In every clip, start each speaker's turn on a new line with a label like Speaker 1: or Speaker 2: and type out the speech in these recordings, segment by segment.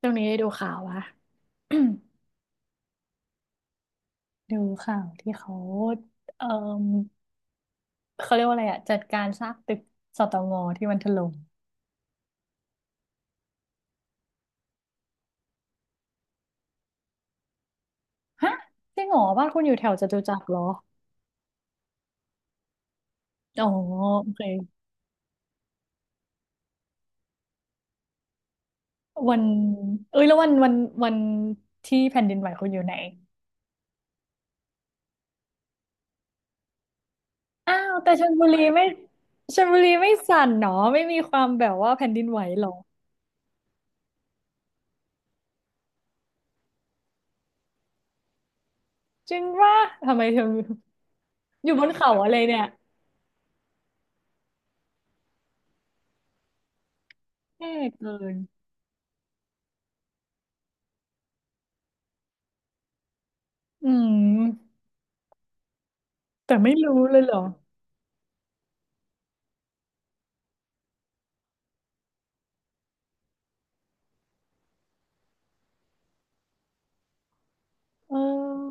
Speaker 1: ช่วงนี้ได้ดูข่าววะ ดูข่าวที่เอ่อเขาเรียกว่าอะไรอะจัดการซากตึกสตงที่มันถล่มฮะจริงเหรอบ้านคุณอยู่แถวจตุจักรเหรออ๋อโอเควันเอ้ยแล้ววันที่แผ่นดินไหวคุณอยู่ไหนอ้าวแต่ชลบุรีไม่ชลบุรีไม่สั่นหนอไม่มีความแบบว่าแผ่นดินไหวหรอจริงว่าทำไมเธออยู่บนเขาอะไรเนี่ยแย่เกินอืมแต่ไม่รู้เลยเหรอเออ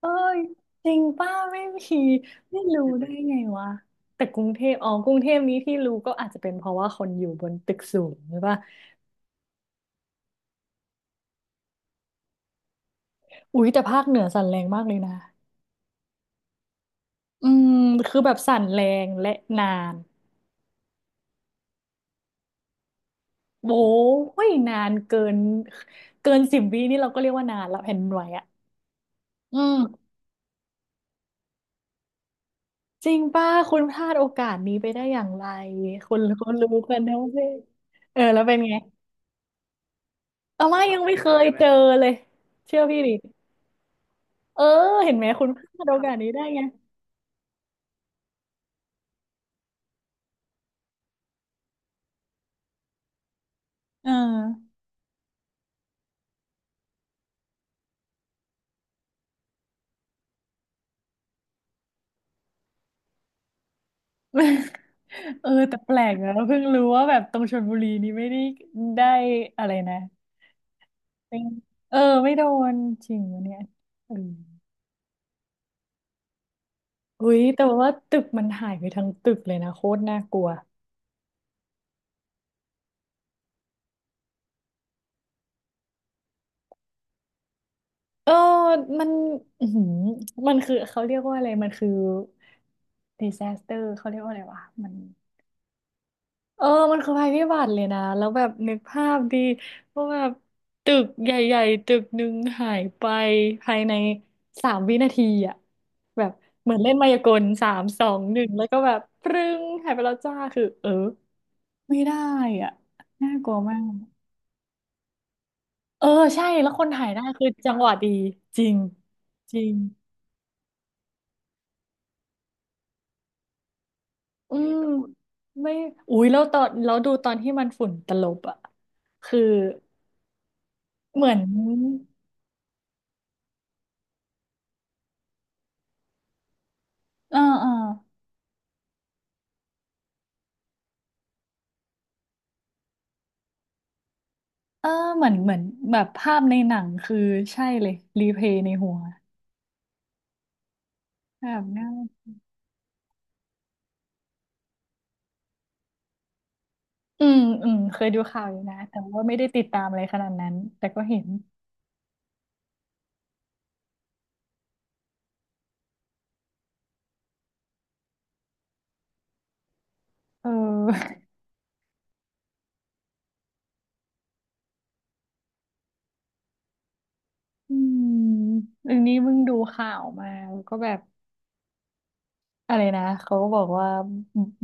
Speaker 1: เอ้ยจริงป้าไม่มีไม่รู้ได้ไงวะแต่กรุงเทพอ๋อกรุงเทพนี้ที่รู้ก็อาจจะเป็นเพราะว่าคนอยู่บนตึกสูงหรือเปล่าอุ๊ยแต่ภาคเหนือสั่นแรงมากเลยนะอืมคือแบบสั่นแรงและนานโว้ยนานเกินเกินสิบวินี่เราก็เรียกว่านานละแผ่นดินไหวอ่ะอืมจริงป้าคุณพลาดโอกาสนี้ไปได้อย่างไรคุณรู้กันทั้งประเทศเออแล้วเป็นไงเอามายังไม่เคยเจอเลยเชื่อพี่ดิ เออเห็นไหมคุณพลาดโอกาสนี้ได้ไงเออ เออแต่แปลกนะเพิ่งรู้ว่าแบบตรงชลบุรีนี่ไม่ได้ได้อะไรนะไม่เออไม่โดนจริงวะเนี่ยเอออุ้ยแต่ว่าตึกมันหายไปทั้งตึกเลยนะโคตรน่ากลัวเออมันอือหือมันคือเขาเรียกว่าอะไรมันคือ disaster เขาเรียกว่าอะไรวะมัน เออ มันคือภัยพิบัติเลยนะ แล้วแบบนึกภาพดีว่าแบบตึกใหญ่ๆตึกหนึ่งหายไปภายในสามวินาทีอ่ะ แบบเหมือนเล่นมายากลสามสองหนึ่งแล้วก็แบบปรึ้งหายไปแล้วจ้าคือเออไม่ได้อ่ะน่ากลัวมากเออใช่แล้วคนถ่ายได้คือจังหวะดีจริงจริงอืมไม่อุ้ยแล้วตอนแล้วดูตอนที่มันฝุ่นตลบอ่ะคือเหมือนเออเออ เออเหมือนเหมือนแบบภาพในหนังคือใช่เลยรีเพย์ในหัวแบบนั้นอืมอืมเคยดูข่าวอยู่นะแต่ว่าไม่ได้ติดตามอะไรขนาดนั้นแต่ก็เห็นเออ อืมอันนี้เพิ่งดูข่าวมาแล้วก็แบบอะไรนะเขาก็บอกว่า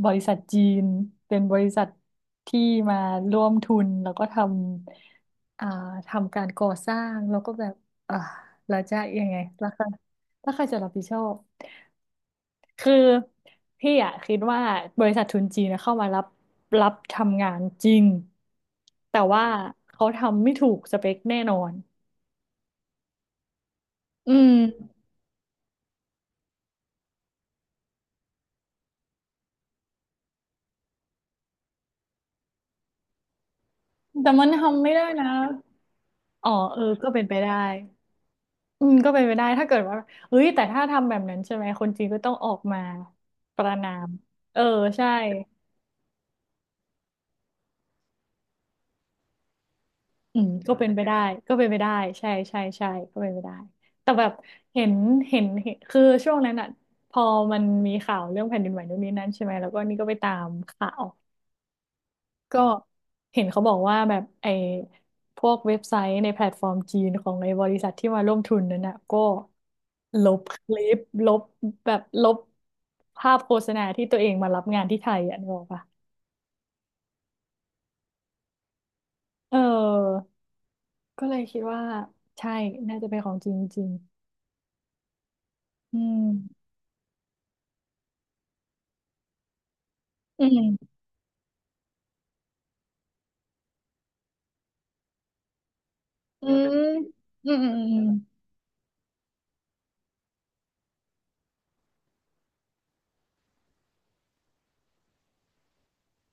Speaker 1: บริษัทจีนเป็นบริษัทที่มาร่วมทุนแล้วก็ทำทำการก่อสร้างแล้วก็แบบอ่าแล้วจะยังไงราคาถ้าใครจะรับผิดชอบ คือพี่อะคิดว่าบริษัททุนจีนนะเข้ามารับรับทำงานจริงแต่ว่าเขาทำไม่ถูกสเปคแน่นอนอืมแต่มันทำไม่ได้นะอ๋อเออก็เป็นไปได้อืมก็เป็นไปได้ถ้าเกิดว่าเฮ้ยแต่ถ้าทำแบบนั้นใช่ไหมคนจีนก็ต้องออกมาประณามเออใช่ อืมก็เป็นไปได้ใช่ใช่ใช่ก็เป็นไปได้แต่แบบเห็นเห็นเห็นคือช่วงนั้นอ่ะพอมันมีข่าวเรื่องแผ่นดินไหวนู่นนี่นั่นใช่ไหมแล้วก็นี่ก็ไปตามข่าวก็เห็นเขาบอกว่าแบบไอ้พวกเว็บไซต์ในแพลตฟอร์มจีนของไอ้บริษัทที่มาร่วมทุนนั้นอ่ะก็ลบคลิปลบแบบลบภาพโฆษณาที่ตัวเองมารับงานที่ไทยอ่ะนึกออกปะเออก็เลยคิดว่าใช่น่าจะเป็นของจริงจริงอืม อืมอืม อืมอืมอืม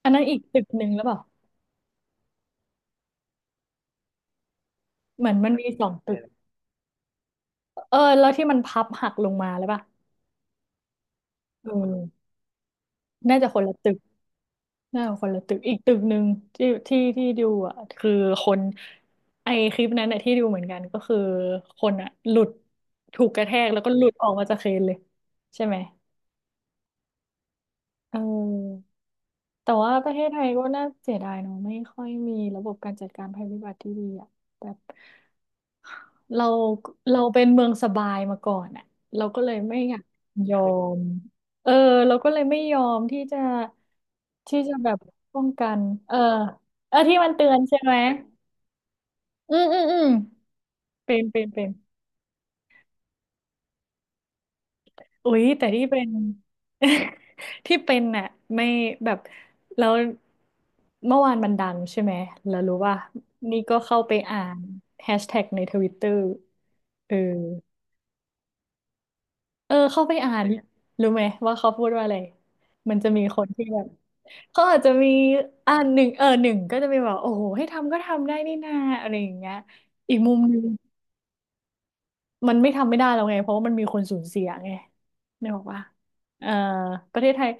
Speaker 1: อันนั้นอีกตึกหนึ่งแล้วเปล่าเหมือนมันมีสองตึกเออแล้วที่มันพับหักลงมาหรือเปล่าเออน่าจะคนละตึกน่าจะคนละตึกอีกตึกหนึ่งที่ดูอ่ะคือคนไอคลิปนั้นอ่ะที่ดูเหมือนกันก็คือคนอ่ะหลุดถูกกระแทกแล้วก็หลุดออกมาจากเครนเลยใช่ไหมเออแต่ว่าประเทศไทยก็น่าเสียดายเนาะไม่ค่อยมีระบบการจัดการภัยพิบัติที่ดีอ่ะแบบ เราเราเป็นเมืองสบายมาก่อนอ่ะเราก็เลยไม่อยากยอมเออเราก็เลยไม่ยอมที่จะแบบป้องกันเออเออที่มันเตือนใช่ไหมอืมอืมอืมเป็นอุ๊ยแต่ที่เป็น ที่เป็นน่ะไม่แบบแล้วเมื่อวานมันดังใช่ไหมแล้วรู้ว่านี่ก็เข้าไปอ่านแฮชแท็กในทวิตเตอร์เออ เออเข้าไปอ่านรู้ไหมว่าเขาพูดว่าอะไรมันจะมีคนที่แบบ เขาอาจจะมีอ่านหนึ่งเออหนึ่งก็จะมีแบบโอ้โหให้ทำก็ทำได้นี่นาอะไรอย่างเงี้ยอีกมุมหนึงมันไม่ทำไม่ได้แล้วไงเพราะว่ามันมีคนสูญเสียไงนี่บอกว่าเออประเทศไทย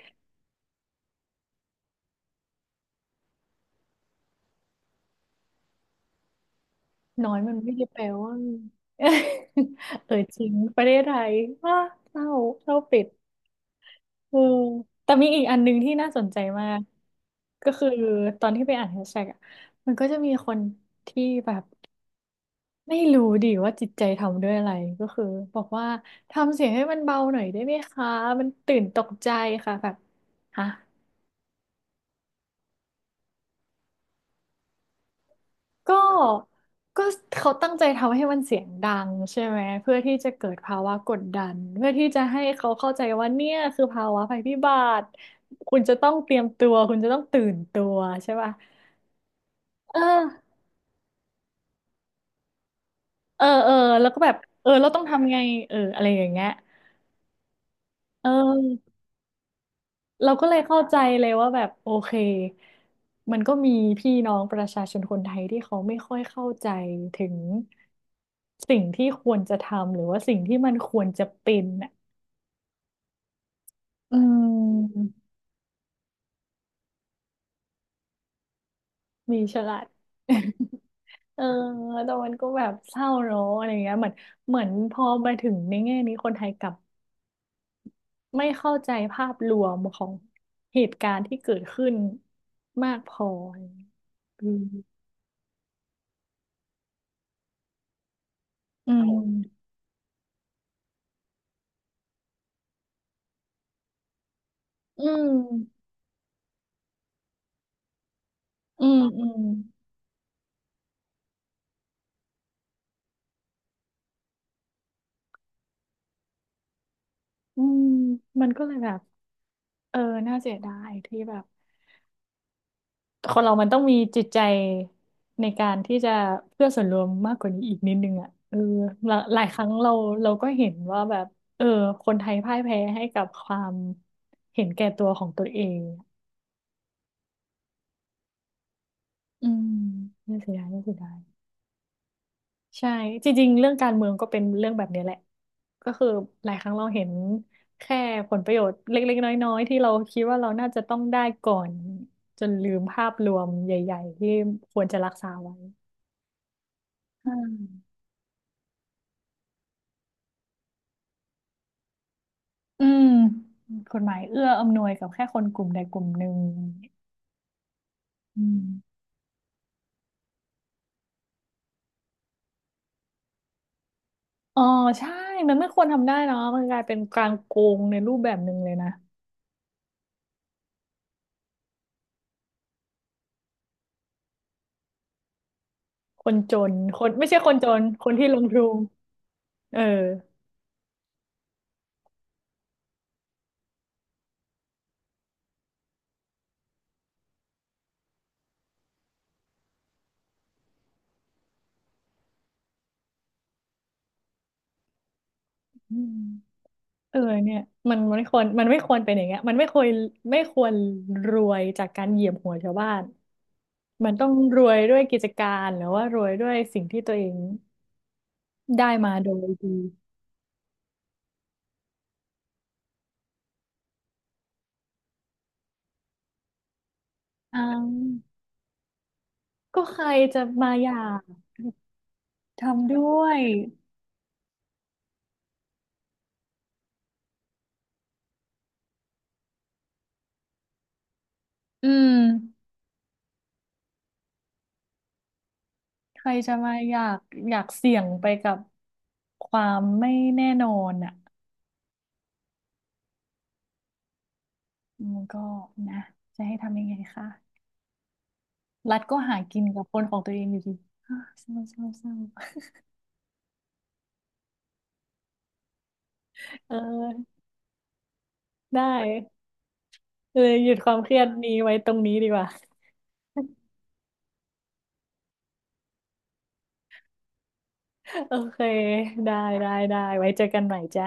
Speaker 1: น้อยมันไม่ได้แปลว่า เออจริงประเทศไทยว่าเศร้าเศร้าปิด เออแต่มีอีกอันหนึงที่น่าสนใจมากก็คือตอนที่ไปอ่านแฮชแท็กอะมันก็จะมีคนที่แบบไม่รู้ดิว่าจิตใจทำด้วยอะไรก็คือบอกว่าทำเสียงให้มันเบาหน่อยได้ไหมคะมันตื่นตกใจค่ะแบบฮะก็ก็เขาตั้งใจทำให้มันเสียงดังใช่ไหมเพื่อที่จะเกิดภาวะกดดันเพื่อที่จะให้เขาเข้าใจว่าเนี่ยคือภาวะภัยพิบัติคุณจะต้องเตรียมตัวคุณจะต้องตื่นตัวใช่ป่ะเออ เออเออแล้วก็แบบเออเราต้องทำไงเอออะไรอย่างเงี้ยเออเราก็เลยเข้าใจเลยว่าแบบโอเคมันก็มีพี่น้องประชาชนคนไทยที่เขาไม่ค่อยเข้าใจถึงสิ่งที่ควรจะทำหรือว่าสิ่งที่มันควรจะเป็นอ่ะอืมมีฉลาด เออแต่มันก็แบบเศร้าเนอะอะไรเงี้ยเหมือนเหมือนพอมาถึงในแง่นี้คนไทยกลับ ไม่เข้าใจภาพรวมของเหตุการณ์ที่เกิดขึ้นมากพออืมอืมอืมอืมอืมอืมมันก็เลยแบบเออน่าเสียดายที่แบบคนเรามันต้องมีจิตใจในการที่จะเพื่อส่วนรวมมากกว่านี้อีกนิดนึงอ่ะเออหลาหลายครั้งเราก็เห็นว่าแบบเออคนไทยพ่ายแพ้ให้กับความเห็นแก่ตัวของตัวเองอืมน่าเสียดายน่าเสียดาย ใช่จริงๆเรื่องการเมืองก็เป็นเรื่องแบบนี้แหละก็คือหลายครั้งเราเห็นแค่ผลประโยชน์เล็กๆน้อยๆที่เราคิดว่าเราน่าจะต้องได้ก่อนจนลืมภาพรวมใหญ่ๆที่ควรจะรักษาไว้อืมอืมกฎหมายเอื้ออำนวยกับแค่คนกลุ่มใดกลุ่มหนึ่งอืมอ๋อใช่มันไม่ควรทำได้เนาะมันกลายเป็นการโกงในรูปแบบหนึ่งเลยนะคนจนคนไม่ใช่คนจนคนที่ลงทุนเอออืม เออเนี่ยมันไม่ควรเป็นอย่างเงี้ยมันไม่ควรรวยจากการเหยียบหัวชาวบ้านมันต้องรวยด้วยกิจการหรือว่ารวยด้วยสิ่งที่ตัวเองได้มาโดยดีอ่าก็ใครจะมาอยากทำด้วยอืมใครจะมาอยากเสี่ยงไปกับความไม่แน่นอนอ่ะมันก็นะจะให้ทำยังไงคะรัฐก็หากินกับคนของตัวเองอยู่ดี อ้าเศร้าเศร้าเศร้าเออ ได้เลยหยุดความเครียดนี้ไว้ตรงนี้ดีกว่าโอเคได้ได้ไว้เจอกันใหม่จ้า